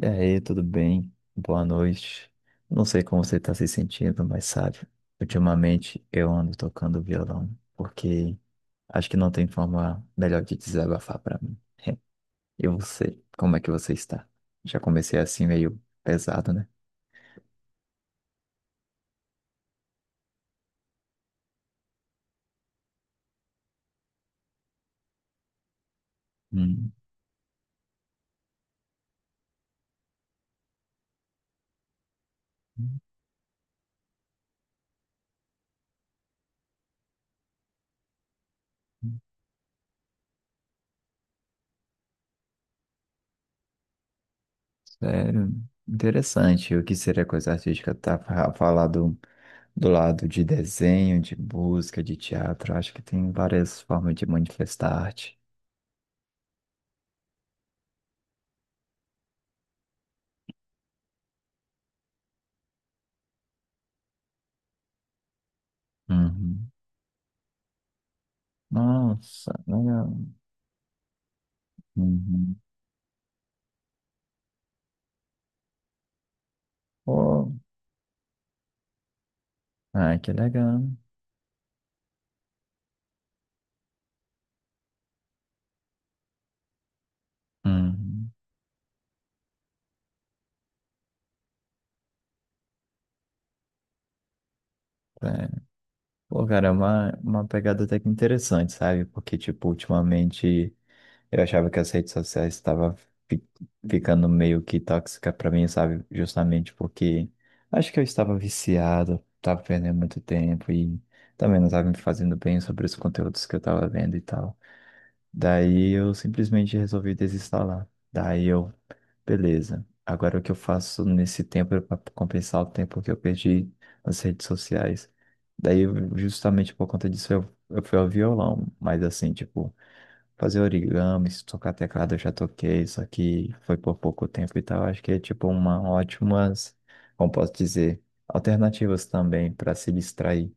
E aí, tudo bem? Boa noite. Não sei como você está se sentindo, mas sabe, ultimamente eu ando tocando violão, porque acho que não tem forma melhor de desabafar para mim. E você, como é que você está? Já comecei assim meio pesado, né? Hum, sério, interessante. O que seria coisa artística? Falar do, do lado de desenho, de música, de teatro. Acho que tem várias formas de manifestar arte. Uhum. Nossa, legal. Uhum. Pô, ah, que legal. Uhum. É. Pô, cara, é uma pegada até que interessante, sabe? Porque, tipo, ultimamente eu achava que as redes sociais estavam fi- ficando meio que tóxica pra mim, sabe? Justamente porque acho que eu estava viciado, estava perdendo muito tempo e também não estava me fazendo bem sobre os conteúdos que eu estava vendo e tal. Daí eu simplesmente resolvi desinstalar. Daí eu Beleza. Agora o que eu faço nesse tempo é para compensar o tempo que eu perdi nas redes sociais. Daí, justamente por conta disso, eu fui ao violão. Mas assim, tipo, fazer origami, se tocar teclado eu já toquei, só que foi por pouco tempo e tal. Acho que é tipo uma ótima, como posso dizer, alternativas também para se distrair.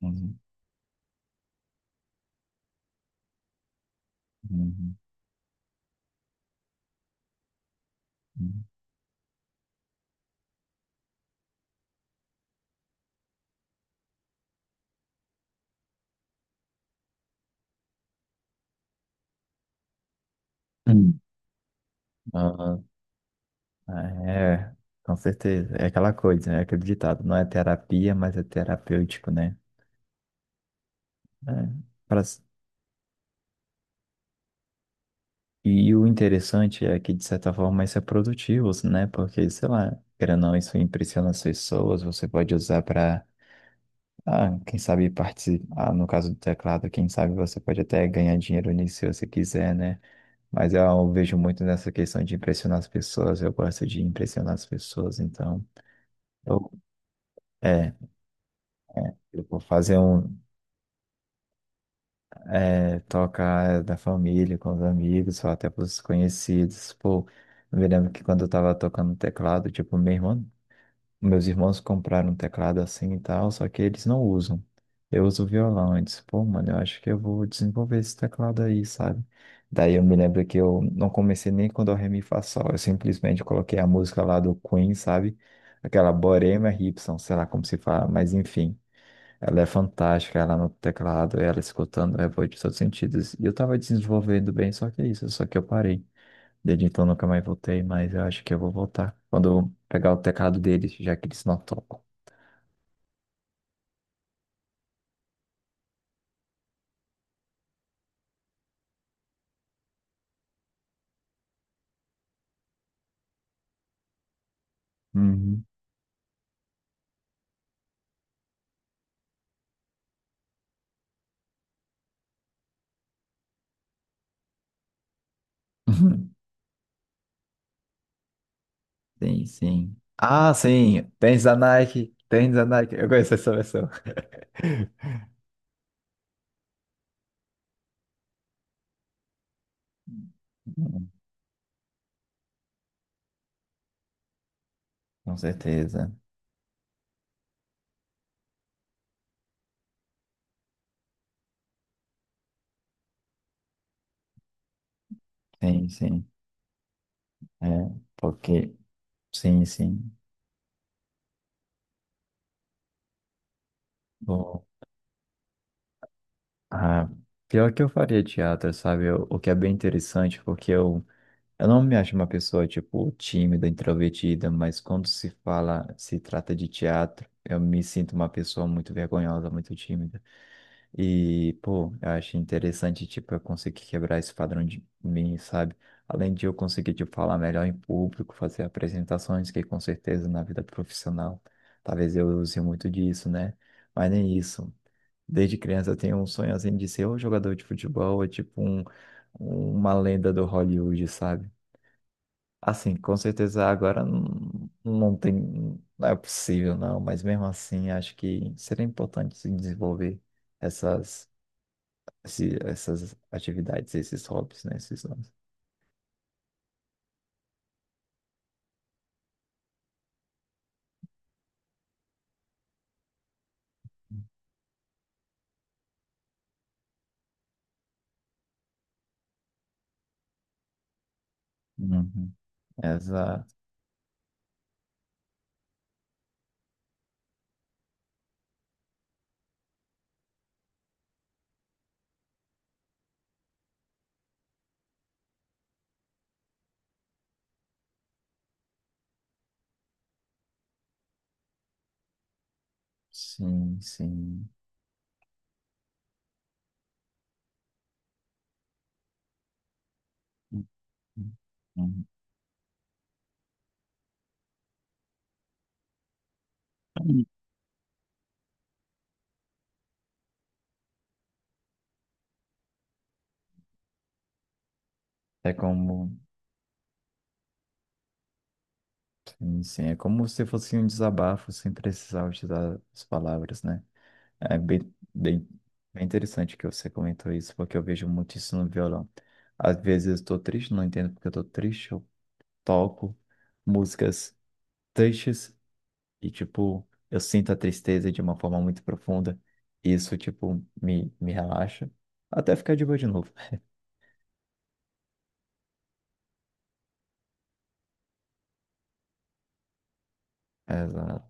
Uhum, uhum, uhum. Hum. Ah, é, com certeza. É aquela coisa, né? Aquele ditado, não é terapia, mas é terapêutico, né? Né? Pra- E o interessante é que, de certa forma, isso é produtivo, né? Porque, sei lá, querendo ou não, isso impressiona as pessoas, você pode usar para, ah, quem sabe participar, no caso do teclado, quem sabe você pode até ganhar dinheiro nisso se você quiser, né? Mas eu vejo muito nessa questão de impressionar as pessoas, eu gosto de impressionar as pessoas, então, eu, é, eu vou fazer um. É, tocar da família, com os amigos, ou até pros conhecidos. Pô, eu me lembro que quando eu tava tocando teclado, tipo, meus irmãos compraram um teclado assim e tal, só que eles não usam. Eu uso violão. Eu disse, pô, mano, eu acho que eu vou desenvolver esse teclado aí, sabe? Daí eu me lembro que eu não comecei nem com Dó, Ré, Mi, Fá, Sol. Eu simplesmente coloquei a música lá do Queen, sabe? Aquela Borema Ripson, sei lá como se fala, mas enfim. Ela é fantástica, ela no teclado, ela escutando, é boa de todos os sentidos. E eu tava desenvolvendo bem, só que é isso, só que eu parei. Desde então nunca mais voltei, mas eu acho que eu vou voltar. Quando eu pegar o teclado deles, já que eles não tocam. Uhum. Sim, sim. Ah, sim, tênis da Nike, tênis da Nike. Eu conheço essa versão. Com certeza. Sim, sim. É, porque, sim, sim. Ah, pior que eu faria teatro, sabe? O que é bem interessante, porque eu não me acho uma pessoa, tipo, tímida, introvertida, mas quando se fala, se trata de teatro, eu me sinto uma pessoa muito vergonhosa, muito tímida. E, pô, eu acho interessante, tipo, eu conseguir quebrar esse padrão de mim, sabe? Além de eu conseguir, tipo, falar melhor em público, fazer apresentações, que com certeza na vida profissional, talvez eu use muito disso, né? Mas nem isso. Desde criança eu tenho um sonho assim de ser um jogador de futebol, ou tipo um, uma lenda do Hollywood, sabe? Assim, com certeza agora não, não tem, não é possível não, mas mesmo assim acho que seria importante se desenvolver essas, essas atividades, esses hobbies, né? Esses hobbies. Uhum. Exato. Sim, sim. Uhum. É como, sim, sim, é como se fosse um desabafo sem precisar utilizar as palavras, né? É bem, bem, bem interessante que você comentou isso, porque eu vejo muito isso no violão. Às vezes eu estou triste, não entendo porque eu estou triste, eu toco músicas tristes e, tipo, eu sinto a tristeza de uma forma muito profunda. E isso, tipo, me relaxa até ficar de boa de novo. Exato.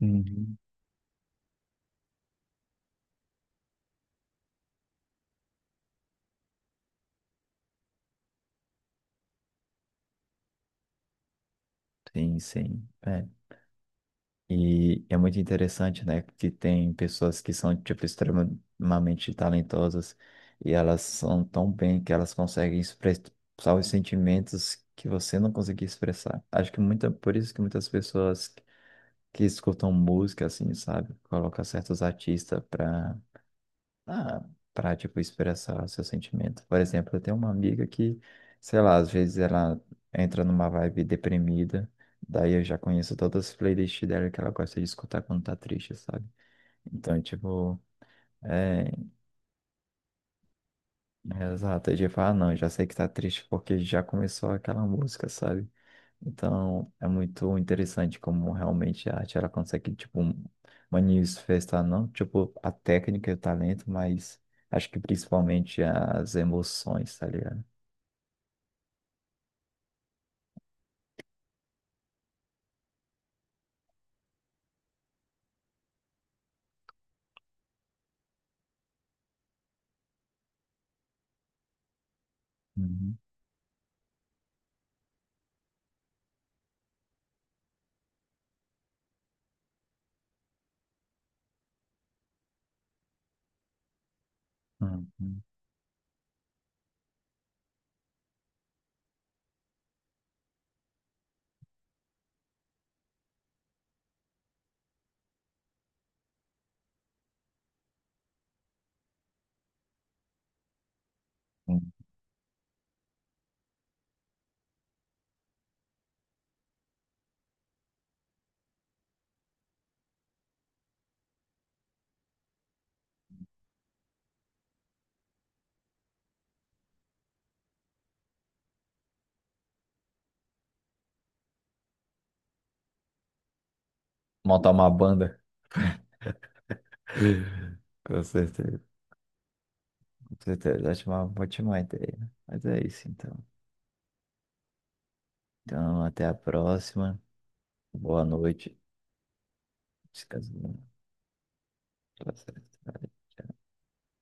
Uhum. Sim, sim. É. E é muito interessante, né, que tem pessoas que são, tipo, extremamente talentosas e elas são tão bem que elas conseguem expressar os sentimentos que você não conseguia expressar. Acho que muita, por isso que muitas pessoas que escutam música, assim, sabe, colocam certos artistas para ah, pra, tipo, expressar o seu sentimento. Por exemplo, eu tenho uma amiga que, sei lá, às vezes ela entra numa vibe deprimida, daí eu já conheço todas as playlists dela que ela gosta de escutar quando tá triste, sabe? Então, tipo, é, é exato, eu já falo, ah, não, já sei que tá triste porque já começou aquela música, sabe? Então, é muito interessante como realmente a arte ela consegue, tipo, manifestar não, tipo, a técnica e o talento, mas acho que principalmente as emoções, tá ligado? Uhum, uhum, uhum. Montar uma banda, com certeza, com certeza, acho uma ótima ideia. Mas é isso, então. Então, até a próxima. Boa noite. Descansa. Tá certo.